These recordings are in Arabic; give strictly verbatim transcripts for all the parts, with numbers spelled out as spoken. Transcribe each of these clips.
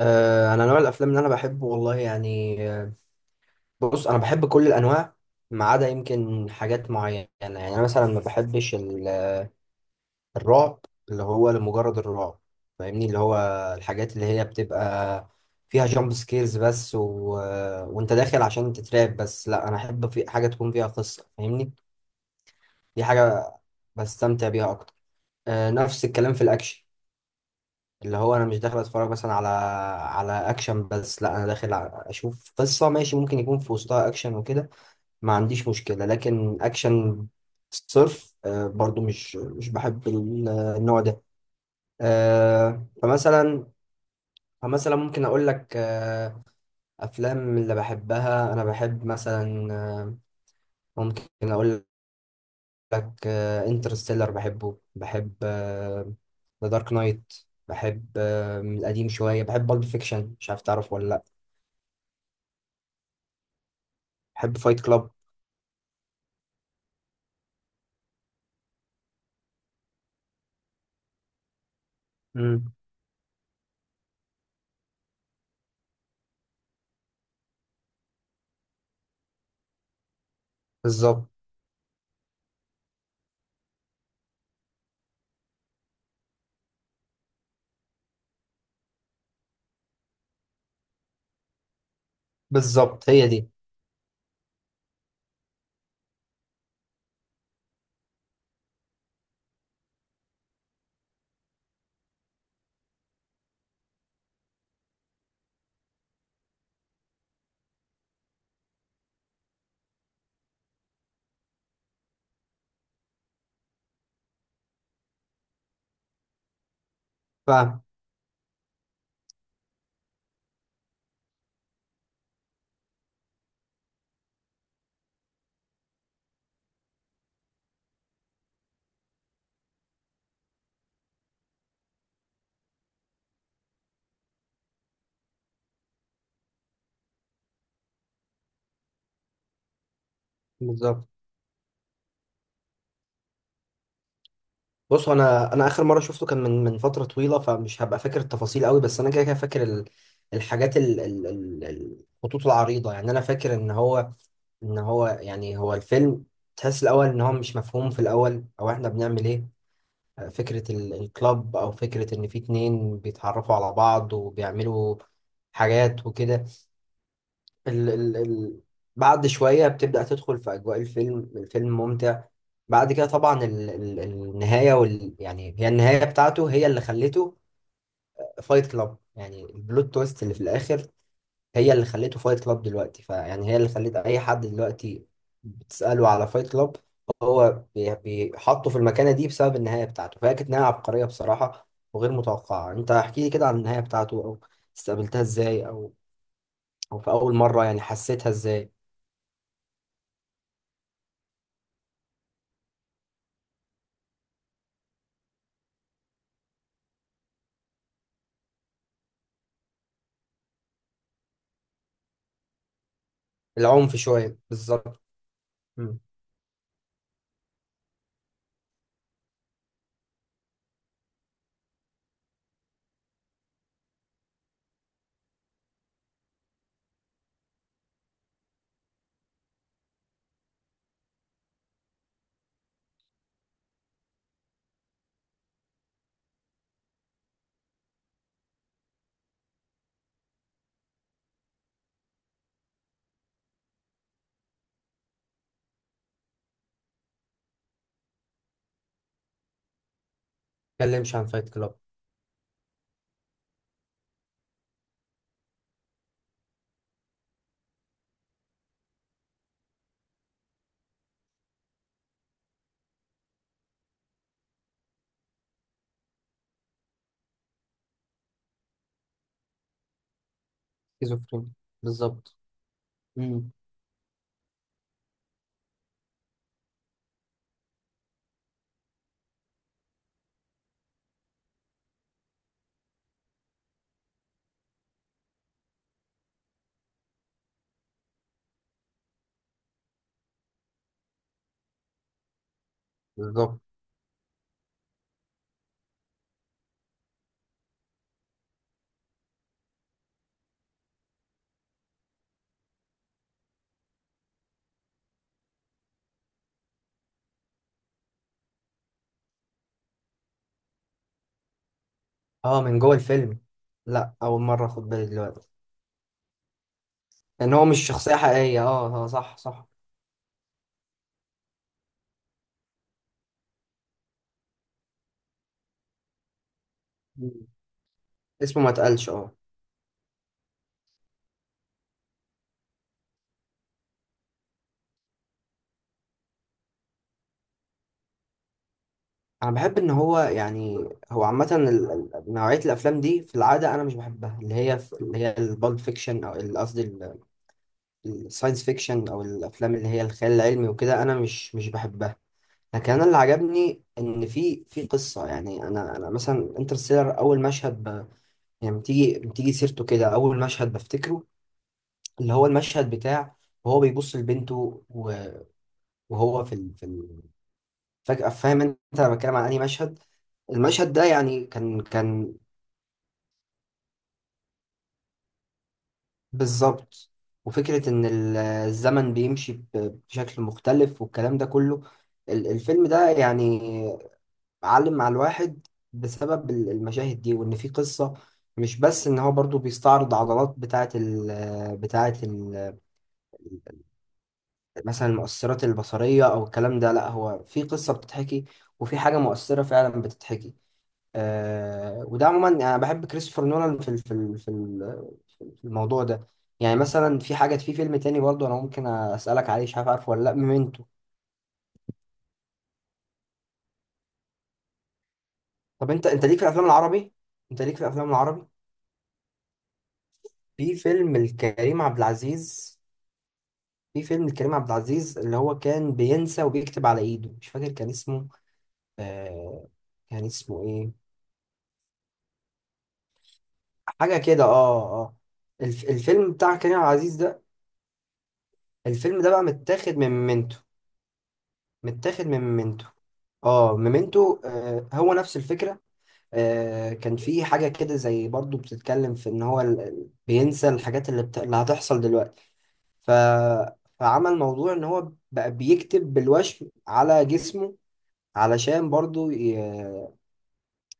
آه، انا نوع الافلام اللي انا بحبه، والله يعني. آه، بص، انا بحب كل الانواع، ما عدا يمكن حاجات معينه. يعني انا مثلا ما بحبش ال- الرعب، اللي هو لمجرد الرعب. فاهمني؟ اللي هو الحاجات اللي هي بتبقى فيها جامب سكيرز بس، و... وانت داخل عشان تترعب بس. لا، انا احب في حاجه تكون فيها قصه، فاهمني؟ دي حاجه بستمتع بيها اكتر. آه، نفس الكلام في الاكشن، اللي هو انا مش داخل اتفرج مثلا على على اكشن بس. لا، انا داخل ع- اشوف قصه، ماشي؟ ممكن يكون في وسطها اكشن وكده، ما عنديش مشكله. لكن اكشن صرف، آه، برضو مش مش بحب ال- النوع ده. آه، فمثلا، فمثلا ممكن اقول لك، آه، افلام اللي بحبها، انا بحب مثلا، آه، ممكن اقول لك انترستيلر، بحبه. بحب ذا دارك نايت. بحب آه، من القديم شويه، بحب بالب فيكشن، مش عارف تعرف ولا لا. بحب فايت كلاب. امم. بالظبط. بالظبط، هي دي. فاهم. بالظبط. بص، انا انا اخر مره شفته كان من من فتره طويله، فمش هبقى فاكر التفاصيل قوي، بس انا كده كده فاكر ال- الحاجات، ال- ال- ال- الخطوط العريضه. يعني انا فاكر ان هو، ان هو يعني هو الفيلم تحس الاول ان هو مش مفهوم، في الاول او احنا بنعمل ايه. آه، فكره ال- الكلاب، او فكره ان في اتنين بيتعرفوا على بعض وبيعملوا حاجات وكده. ال ال ال بعد شوية بتبدأ تدخل في أجواء الفيلم. الفيلم ممتع. بعد كده طبعا ال ال النهاية، وال يعني هي النهاية بتاعته هي اللي خلته فايت كلاب. يعني البلوت تويست اللي في الآخر هي اللي خلته فايت كلاب دلوقتي. فيعني هي اللي خلت أي حد دلوقتي بتسأله على فايت كلاب، هو بي- بيحطه في المكانة دي بسبب النهاية بتاعته. فهي كانت نهاية عبقرية بصراحة وغير متوقعة. أنت احكي لي كده عن النهاية بتاعته، أو استقبلتها إزاي، أو أو في أول مرة يعني حسيتها إزاي. العنف شوية، بالظبط. مم. متكلمش عن فايت كلاب. سكيزوفرينيا. بالظبط. مم. بالظبط. اه، من جوه الفيلم. لا، أول مرة أخد بالي دلوقتي. لأن هو مش شخصية حقيقية، اه اه، صح صح. مم. اسمه ما اتقالش، اه. أنا بحب إن هو، يعني هو عامة ال- ال- نوعية الأفلام دي في العادة أنا مش بحبها، اللي هي اللي هي البالد فيكشن، أو ال- قصدي الساينس فيكشن، أو الأفلام اللي هي الخيال العلمي وكده، أنا مش مش بحبها. لكن انا اللي عجبني ان في في قصه. يعني انا، انا مثلا انترستيلر، اول مشهد ب... يعني بتيجي، بتيجي سيرته كده، اول مشهد بفتكره، اللي هو المشهد بتاع وهو بيبص لبنته و- وهو في ال... في ال... فجاه. فاهم انت، انا بتكلم عن انهي مشهد؟ المشهد ده يعني كان كان بالظبط. وفكره ان ال- الزمن بيمشي ب- بشكل مختلف والكلام ده كله. ال- الفيلم ده يعني معلم مع الواحد بسبب ال- المشاهد دي، وان في قصة. مش بس ان هو برضو بيستعرض عضلات بتاعة ال بتاعة ال مثلا المؤثرات البصرية او الكلام ده. لا، هو في قصة بتتحكي، وفي حاجة مؤثرة فعلا بتتحكي. آه وده عموما، يعني انا بحب كريستوفر نولان في ال- في ال- في ال- في الموضوع ده. يعني مثلا في حاجة، في فيلم تاني برضو انا ممكن اسألك عليه، مش عارف عارفه ولا لا، ميمنتو. طب انت انت ليك في الافلام العربي؟ انت ليك في الافلام العربي في فيلم لكريم عبد العزيز. في فيلم لكريم عبد العزيز اللي هو كان بينسى وبيكتب على ايده، مش فاكر كان اسمه. آه كان اسمه ايه؟ حاجه كده، اه اه. الف الفيلم بتاع كريم عبد العزيز ده، الفيلم ده بقى متاخد من ميمنتو. متاخد من ميمنتو اه، ميمنتو. آه هو نفس الفكره. آه كان في حاجه كده زي، برضو بتتكلم في ان هو ال... ال- بينسى الحاجات، اللي, بت... اللي هتحصل دلوقتي. ف... فعمل موضوع ان هو بقى بيكتب بالوشم على جسمه علشان برضو ي...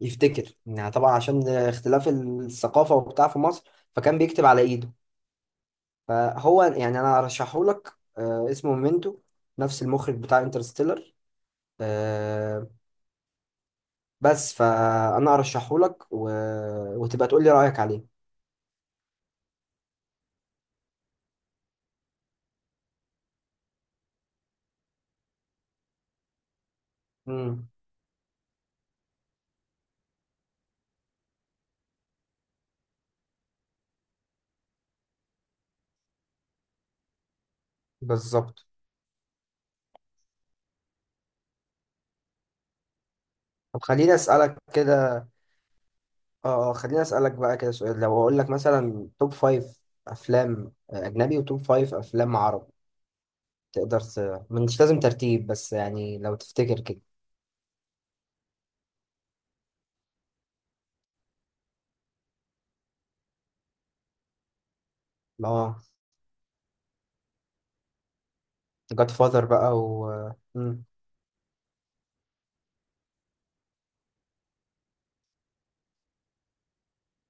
يفتكر. يعني طبعا عشان اختلاف الثقافة وبتاع في مصر، فكان بيكتب على ايده. فهو يعني انا ارشحه لك، آه، اسمه ميمنتو، نفس المخرج بتاع انترستيلر. آه، بس فانا ارشحه لك، و... وتبقى تقول لي رأيك عليه. امم. بالظبط. طب خليني اسألك كده. اه آه، خليني اسألك بقى كده سؤال، لو اقول لك مثلا، توب فايف افلام اجنبي وتوب فايف افلام عربي، تقدر ت... مش لازم ترتيب، بس يعني لو تفتكر كده. اه، جاد فاذر بقى، و مم.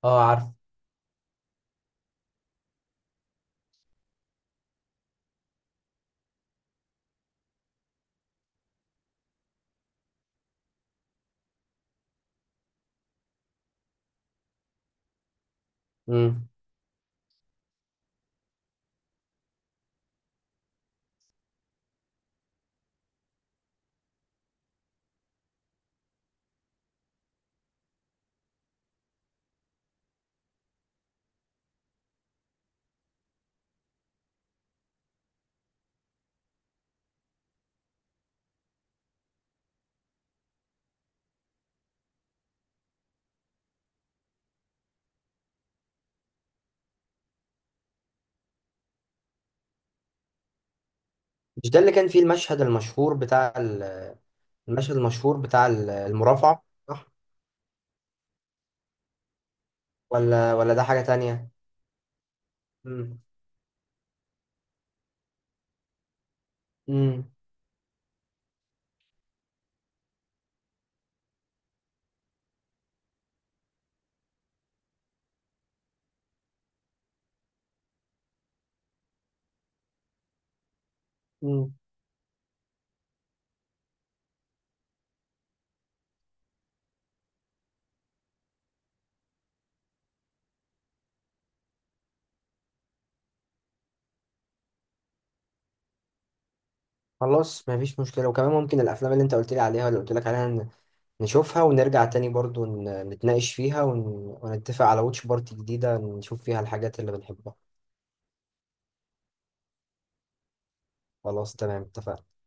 اه، عارف. مم. مش ده اللي كان فيه المشهد المشهور بتاع ال- المشهد المشهور بتاع ال- المرافعة، صح؟ ولا ولا ده حاجة تانية. مم. مم. مم. خلاص، مفيش مشكلة. وكمان ممكن الأفلام اللي أنت قلت لي عليها، اللي قلت لك عليها، ن- نشوفها ونرجع تاني، برضو ن- نتناقش فيها، ون... ونتفق على واتش بارتي جديدة نشوف فيها الحاجات اللي بنحبها. خلاص، تمام، اتفقنا.